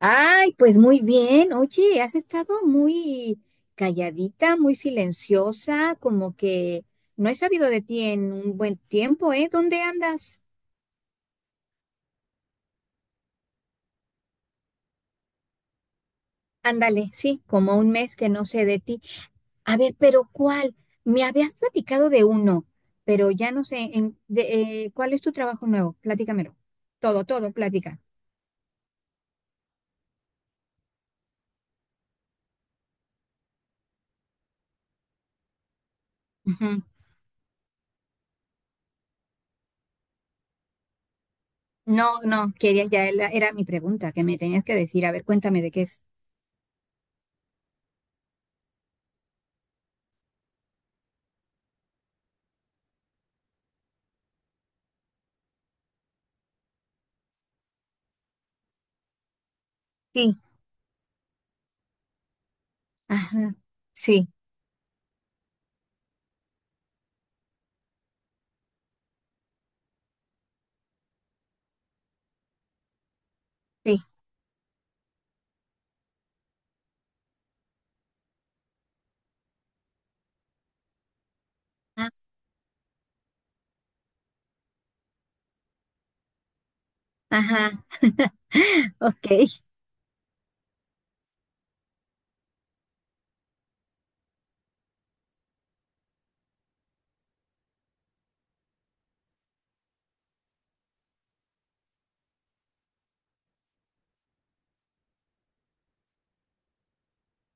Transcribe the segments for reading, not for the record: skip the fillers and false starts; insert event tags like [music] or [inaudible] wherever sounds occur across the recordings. Ay, pues muy bien. Oye, has estado muy calladita, muy silenciosa, como que no he sabido de ti en un buen tiempo, ¿eh? ¿Dónde andas? Ándale, sí, como un mes que no sé de ti. A ver, pero ¿cuál? Me habías platicado de uno, pero ya no sé ¿cuál es tu trabajo nuevo? Platícamelo. Todo, todo, plática. Ujú. No, no, era mi pregunta que me tenías que decir. A ver, cuéntame de qué es. Sí, ajá, sí, sí. Ajá, ok.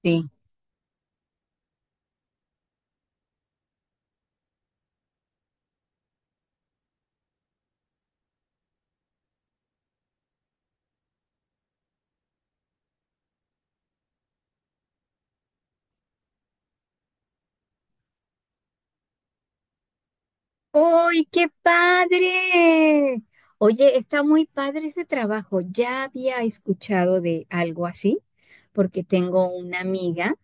Sí. ¡Uy, qué padre! Oye, está muy padre ese trabajo. Ya había escuchado de algo así, porque tengo una amiga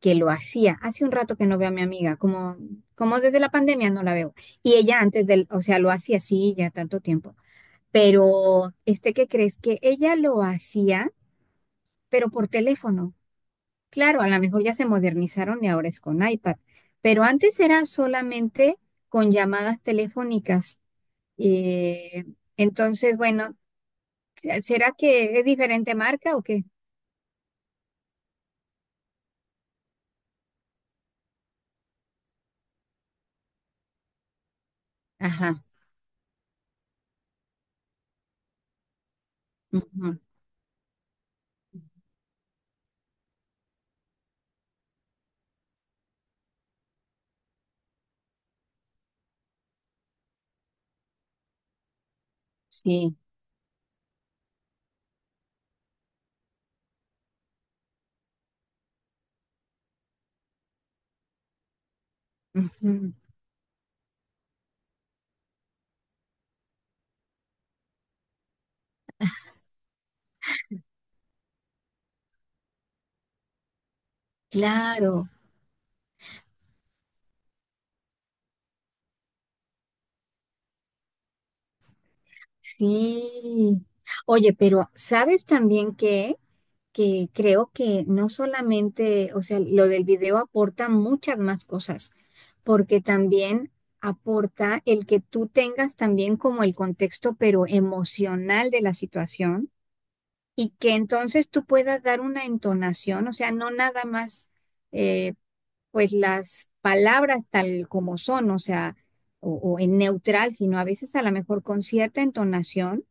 que lo hacía. Hace un rato que no veo a mi amiga, como desde la pandemia no la veo. Y ella antes o sea, lo hacía así ya tanto tiempo. Pero, ¿qué crees? Que ella lo hacía, pero por teléfono. Claro, a lo mejor ya se modernizaron y ahora es con iPad, pero antes era solamente con llamadas telefónicas. Eh, entonces, bueno, ¿será que es diferente marca o qué? Ajá, ujú, sí, ujú, claro, sí. Oye, pero ¿sabes también qué? Que creo que no solamente, o sea, lo del video aporta muchas más cosas, porque también aporta el que tú tengas también como el contexto, pero emocional de la situación, y que entonces tú puedas dar una entonación, o sea, no nada más, eh, pues las palabras tal como son, o sea, o en neutral, sino a veces a lo mejor con cierta entonación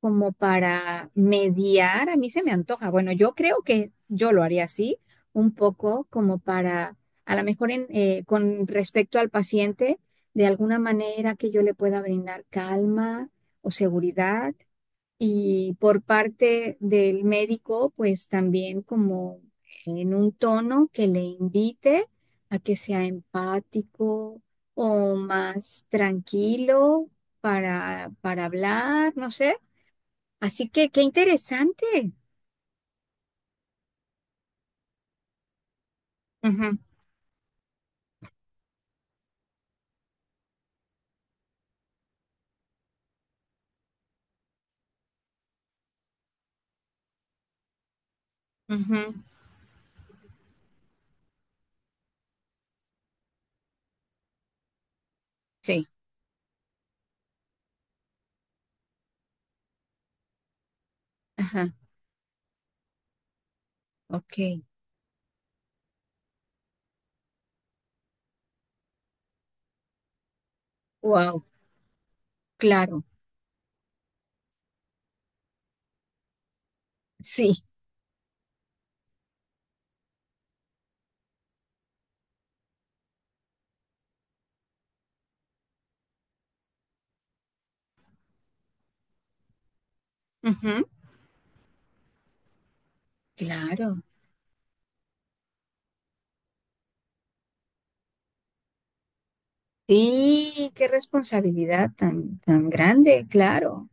como para mediar, a mí se me antoja. Bueno, yo creo que yo lo haría así, un poco como para, a lo mejor con respecto al paciente, de alguna manera que yo le pueda brindar calma o seguridad. Y por parte del médico, pues también como en un tono que le invite a que sea empático o más tranquilo para hablar, no sé. Así que qué interesante. Ujú, ujú, sí, ajá, ok. Wow, claro, sí, ujú, claro. Sí, qué responsabilidad tan, tan grande, claro.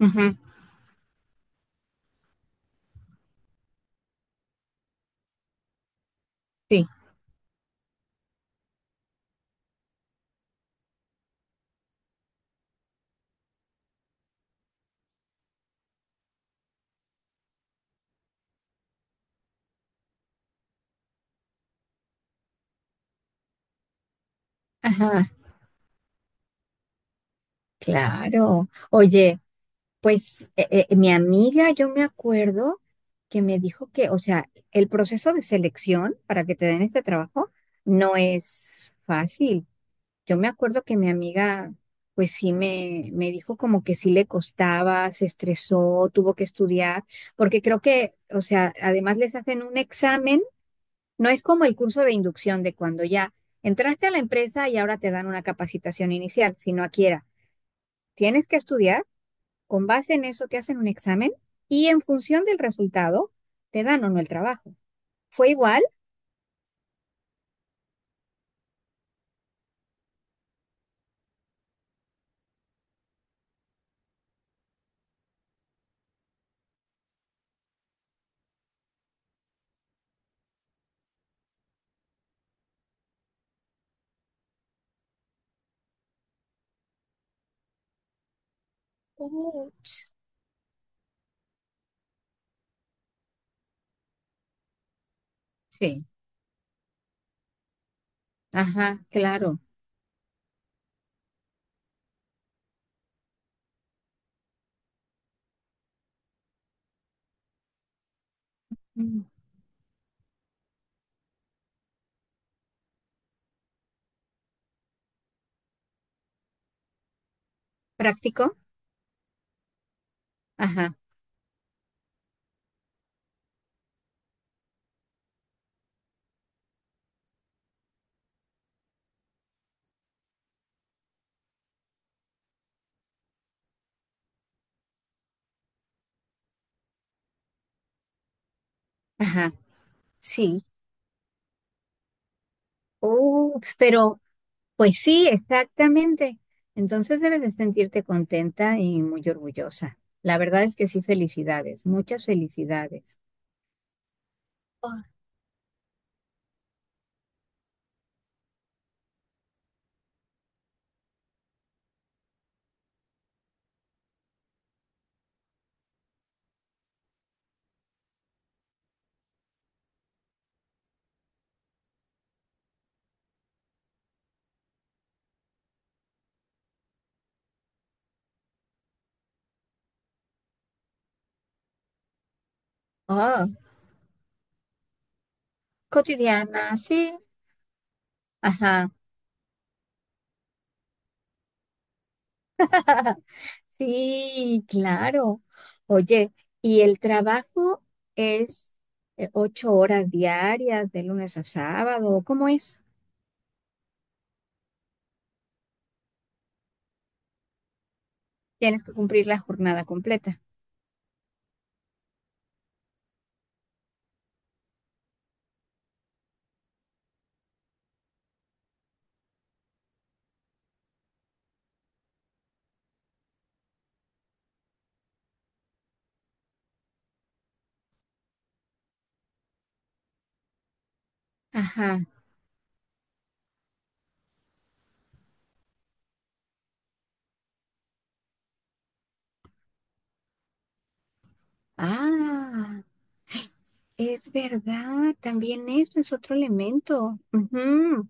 Ujú, sí, ajá, claro. Oye, pues mi amiga, yo me acuerdo que me dijo que, o sea, el proceso de selección para que te den este trabajo no es fácil. Yo me acuerdo que mi amiga, pues sí me dijo como que sí le costaba, se estresó, tuvo que estudiar, porque creo que, o sea, además les hacen un examen, no es como el curso de inducción de cuando ya entraste a la empresa y ahora te dan una capacitación inicial, sino aquí era, tienes que estudiar, con base en eso te hacen un examen y en función del resultado te dan o no el trabajo. ¿Fue igual? Uch, sí, ajá, claro. Mm. ¿Práctico? Ajá, ajá. Sí, ups, pero pues sí, exactamente. Entonces debes de sentirte contenta y muy orgullosa. La verdad es que sí, felicidades, muchas felicidades. Ah, ah, cotidiana, sí. Ajá, sí, claro. Oye, ¿y el trabajo es 8 horas diarias de lunes a sábado? ¿Cómo es? Tienes que cumplir la jornada completa. Ajá. Ah, es verdad, también eso es otro elemento. Ujú,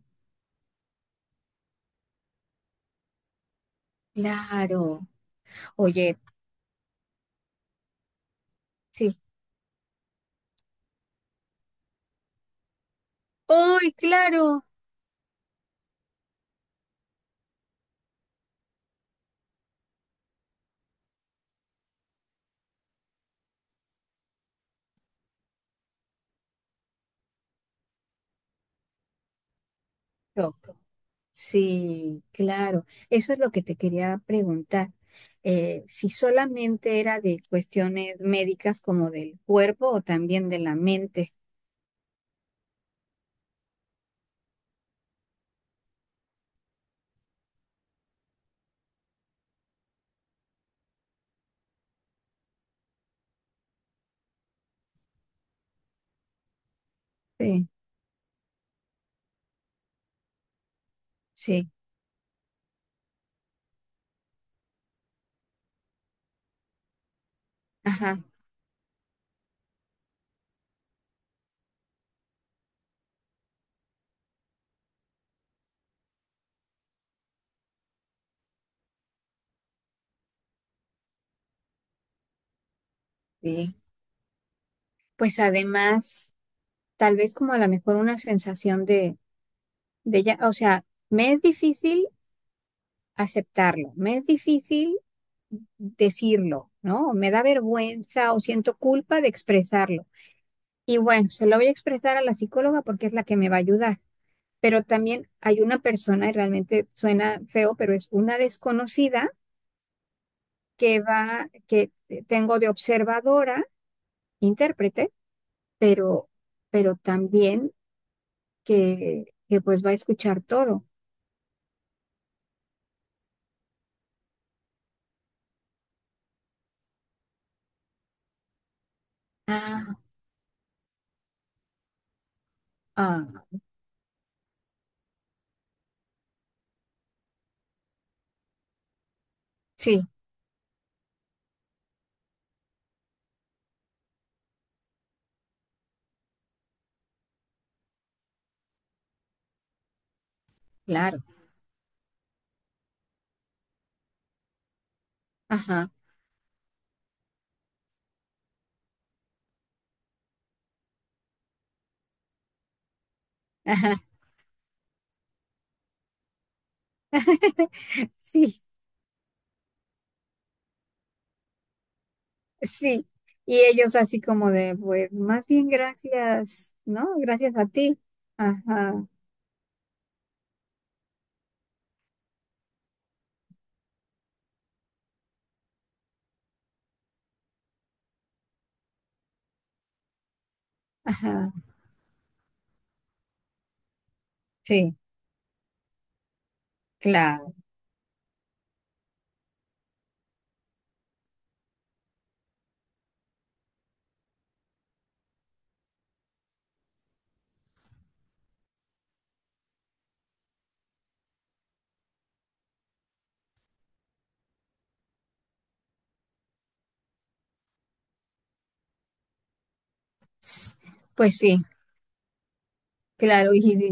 claro. Oye, sí. ¡Ay, claro! Rock. Sí, claro. Eso es lo que te quería preguntar. Si solamente era de cuestiones médicas como del cuerpo o también de la mente. Sí, sí, ajá, sí. Pues además, tal vez como a lo mejor una sensación de, ya, o sea, me es difícil aceptarlo, me es difícil decirlo, ¿no? O me da vergüenza o siento culpa de expresarlo. Y bueno, se lo voy a expresar a la psicóloga porque es la que me va a ayudar. Pero también hay una persona, y realmente suena feo, pero es una desconocida que tengo de observadora, intérprete, pero, pero también que pues va a escuchar todo. Ah, ah, sí, claro. Ajá, ajá. [laughs] Sí, sí. Y ellos así como de, pues, más bien gracias, ¿no? Gracias a ti. Ajá, ajá, sí, claro. Pues sí, claro. Y [laughs]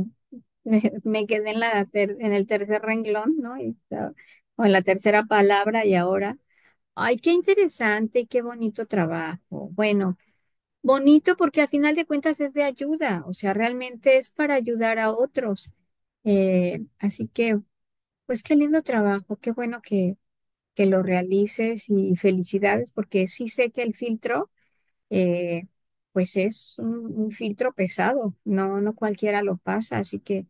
y me quedé en la en el tercer renglón, ¿no? Y o en la tercera palabra y ahora. Ay, qué interesante y qué bonito trabajo. Bueno, bonito porque al final de cuentas es de ayuda, o sea, realmente es para ayudar a otros. Así que, pues qué lindo trabajo, qué bueno que lo realices y felicidades, porque sí sé que el filtro, eh, pues es un filtro pesado, no, no cualquiera lo pasa, así que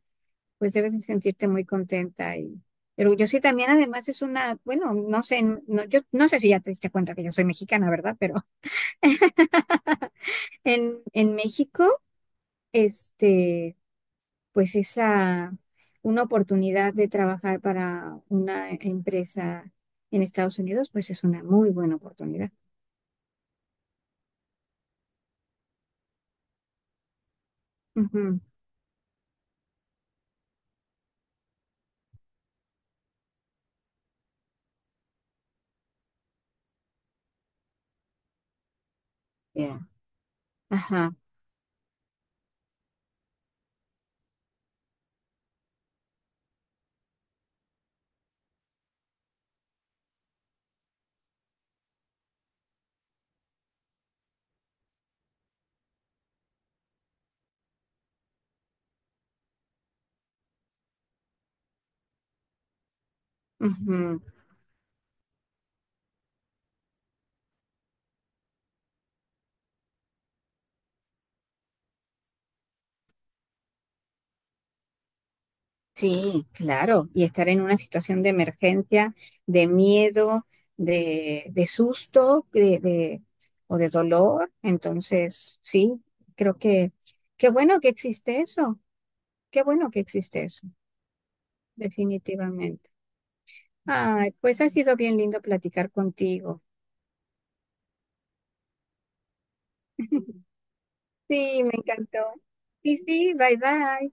pues debes de sentirte muy contenta y orgullosa. Y también además es una, bueno, no sé, no, yo no sé si ya te diste cuenta que yo soy mexicana, ¿verdad? Pero [laughs] en México, este, pues una oportunidad de trabajar para una empresa en Estados Unidos, pues es una muy buena oportunidad. Ujú. Ajá, ujú, sí, claro. Y estar en una situación de emergencia, de miedo, de, susto, o de dolor. Entonces, sí, creo que qué bueno que existe eso. Qué bueno que existe eso, definitivamente. Ay, pues ha sido bien lindo platicar contigo. [laughs] Sí, me encantó. Y sí, bye bye.